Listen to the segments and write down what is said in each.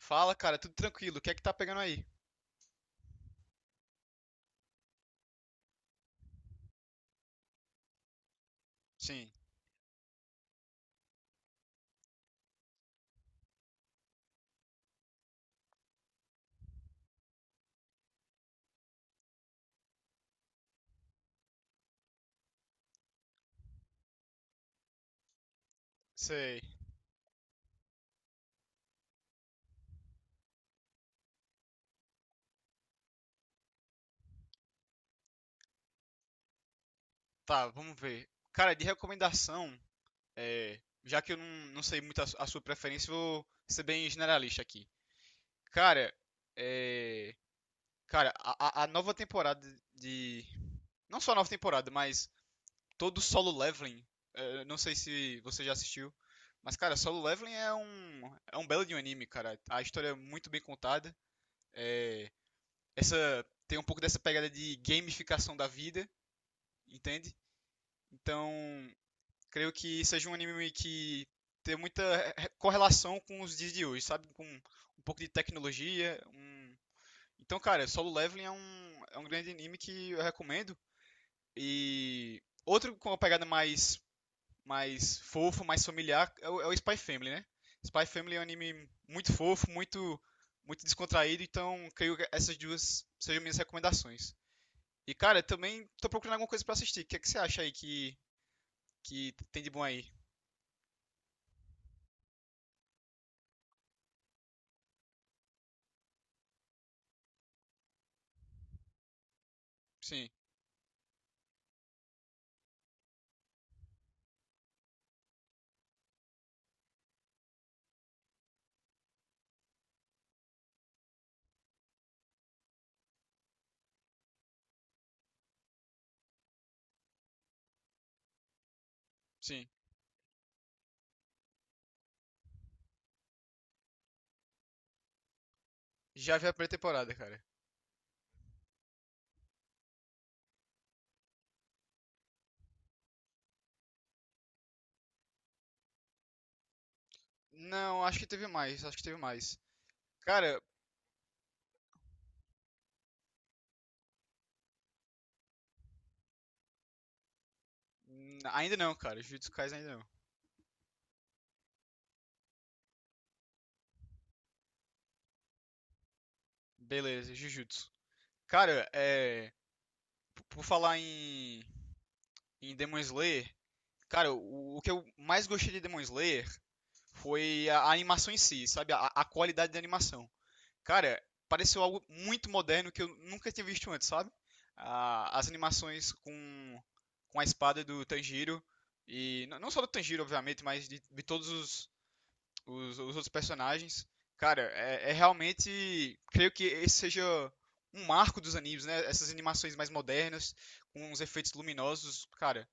Fala, cara, tudo tranquilo. O que é que tá pegando aí? Sim, sei. Tá, vamos ver. Cara, de recomendação, já que eu não, não sei muito a sua preferência, vou ser bem generalista aqui. Cara, é, cara, a nova temporada de. Não só a nova temporada, mas todo o Solo Leveling. Não sei se você já assistiu. Mas, cara, Solo Leveling é um belo de um anime, cara. A história é muito bem contada. é, Essa, tem um pouco dessa pegada de gamificação da vida. Entende? Então, creio que seja um anime que tem muita correlação com os dias de hoje, sabe? Com um pouco de tecnologia. Então, cara, Solo Leveling é um grande anime que eu recomendo. E outro com uma pegada mais fofa, mais familiar, é é o Spy Family, né? Spy Family é um anime muito fofo, muito descontraído, então creio que essas duas sejam minhas recomendações. E cara, também tô procurando alguma coisa para assistir. É que você acha aí que tem de bom aí. Sim, sim. Já vi a primeira temporada, cara. Não, acho que teve mais, acho que teve mais. Cara, ainda não, cara. Jujutsu Kaisen ainda não. Beleza, Jujutsu. Cara, é. Por falar em Demon Slayer, cara, o que eu mais gostei de Demon Slayer foi a animação em si, sabe? A qualidade da animação. Cara, pareceu algo muito moderno que eu nunca tinha visto antes, sabe? Ah, as animações com a espada do Tanjiro, e não só do Tanjiro, obviamente, mas de todos os outros personagens. Cara, é realmente. Creio que esse seja um marco dos animes, né? Essas animações mais modernas, com os efeitos luminosos, cara.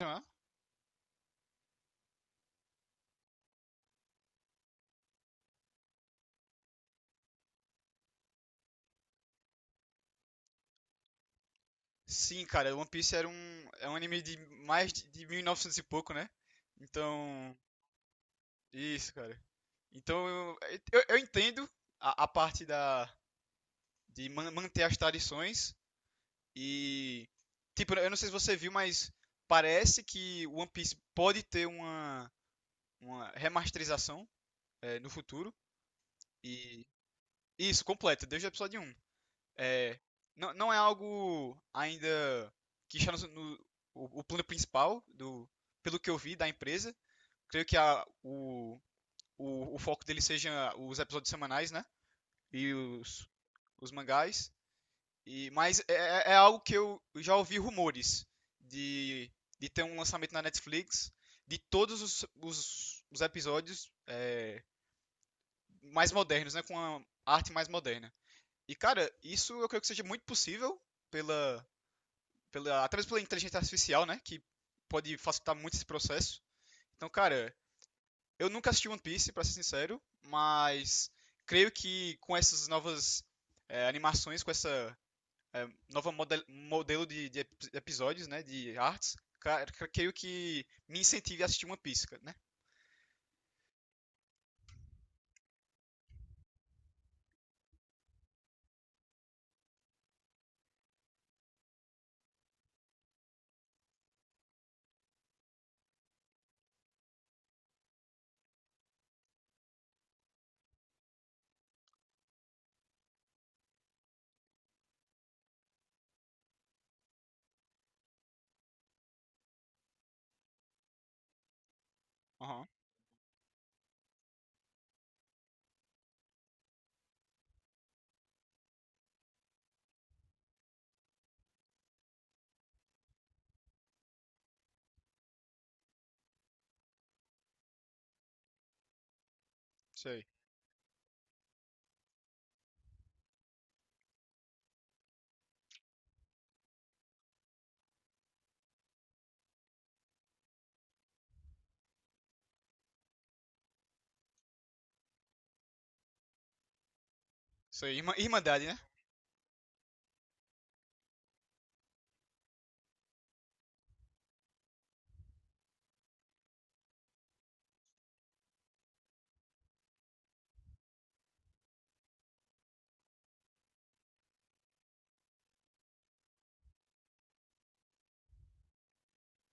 Hã? Sim, cara, One Piece é um anime de mais de 1900 e pouco, né? Então, isso, cara. Então eu, eu entendo a parte da, de manter as tradições e tipo, eu não sei se você viu, mas parece que One Piece pode ter uma remasterização no futuro e isso completa desde o episódio um. É, não é algo ainda que está o plano principal do pelo que eu vi da empresa. Creio que o foco dele seja os episódios semanais, né? E os mangás. E, mas é algo que eu já ouvi rumores de, de ter um lançamento na Netflix de todos os episódios mais modernos, né? Com a arte mais moderna. E, cara, isso eu creio que seja muito possível pela. pela, até mesmo pela inteligência artificial, né? Que pode facilitar muito esse processo. Então, cara, eu nunca assisti One Piece, pra ser sincero, mas creio que com essas novas animações, com essa nova modelo de episódios, né? De artes, cara, creio que me incentive a assistir uma Piece, né? Aham, isso aí. Isso aí, Irmandade, né?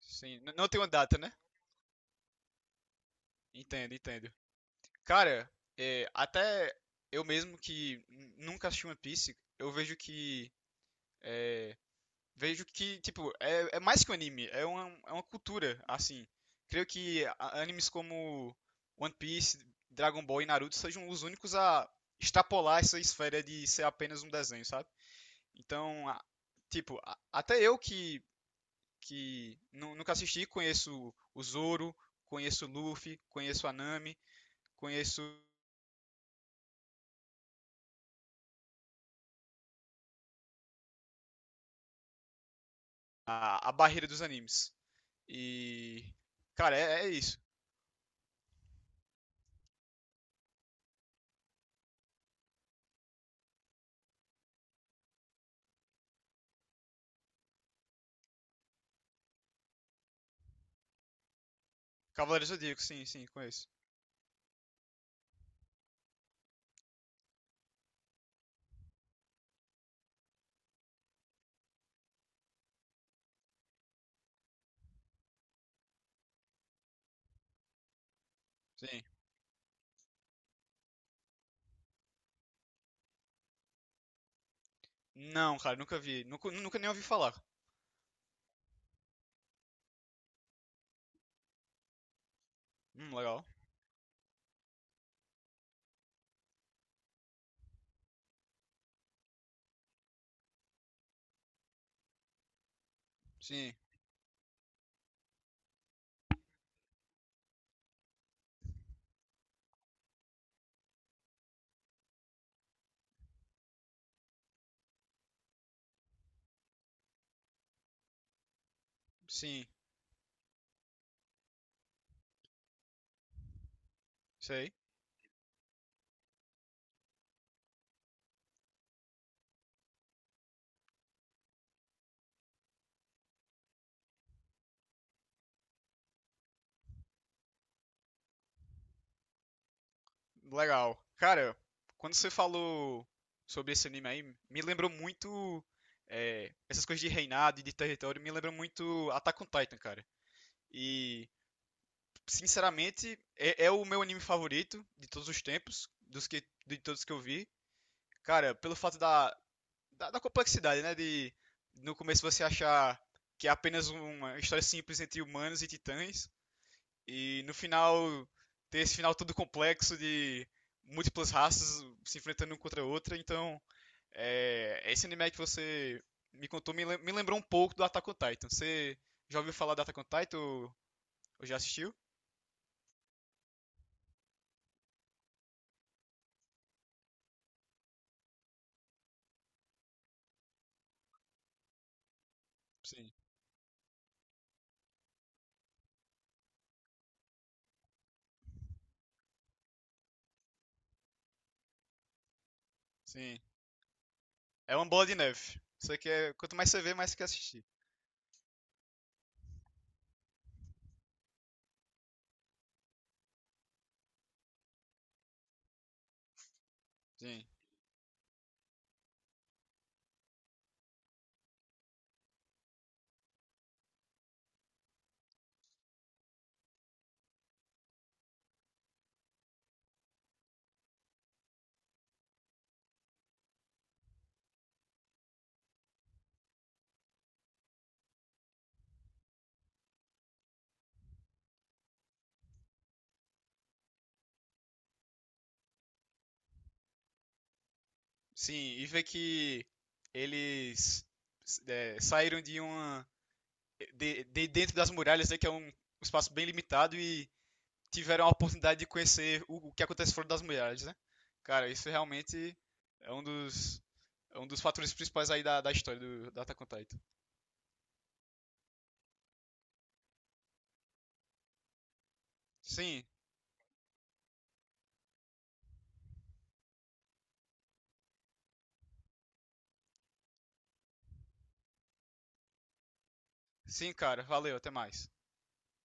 Sim, não tem uma data, né? Entendo, entendo. Cara, é, até eu mesmo que nunca assisti One Piece, eu vejo que é, vejo que, tipo, é mais que um anime, é é uma cultura, assim. Creio que animes como One Piece, Dragon Ball e Naruto sejam os únicos a extrapolar essa esfera de ser apenas um desenho, sabe? Então, tipo, até eu que nunca assisti, conheço o Zoro, conheço o Luffy, conheço a Nami, conheço a barreira dos animes. E, cara, é isso. Cavaleiros do Zodíaco, sim, sim, conheço. Sim. Não, cara, nunca vi. Nunca, nunca nem ouvi falar. Legal. Sim, sim, sei. Legal. Cara, quando você falou sobre esse anime aí, me lembrou muito. Essas coisas de reinado e de território, me lembram muito Attack on Titan, cara. E, sinceramente, é o meu anime favorito de todos os tempos, de todos que eu vi. Cara, pelo fato da complexidade, né? De no começo você achar que é apenas uma história simples entre humanos e titãs. E no final, ter esse final todo complexo de múltiplas raças se enfrentando uma contra a outra. Então, é, esse anime que você me me lembrou um pouco do Attack on Titan. Você já ouviu falar do Attack on Titan ou já assistiu? Sim, sim. É uma bola de neve. Você quer, quanto mais você vê, mais você quer assistir. Sim, sim. E ver que eles saíram de uma de dentro das muralhas, né, que é um espaço bem limitado e tiveram a oportunidade de conhecer o que acontece fora das mulheres, né? Cara, isso realmente é um é um dos fatores principais aí da história da Attack on Titan. Sim, sim, cara. Valeu, até mais.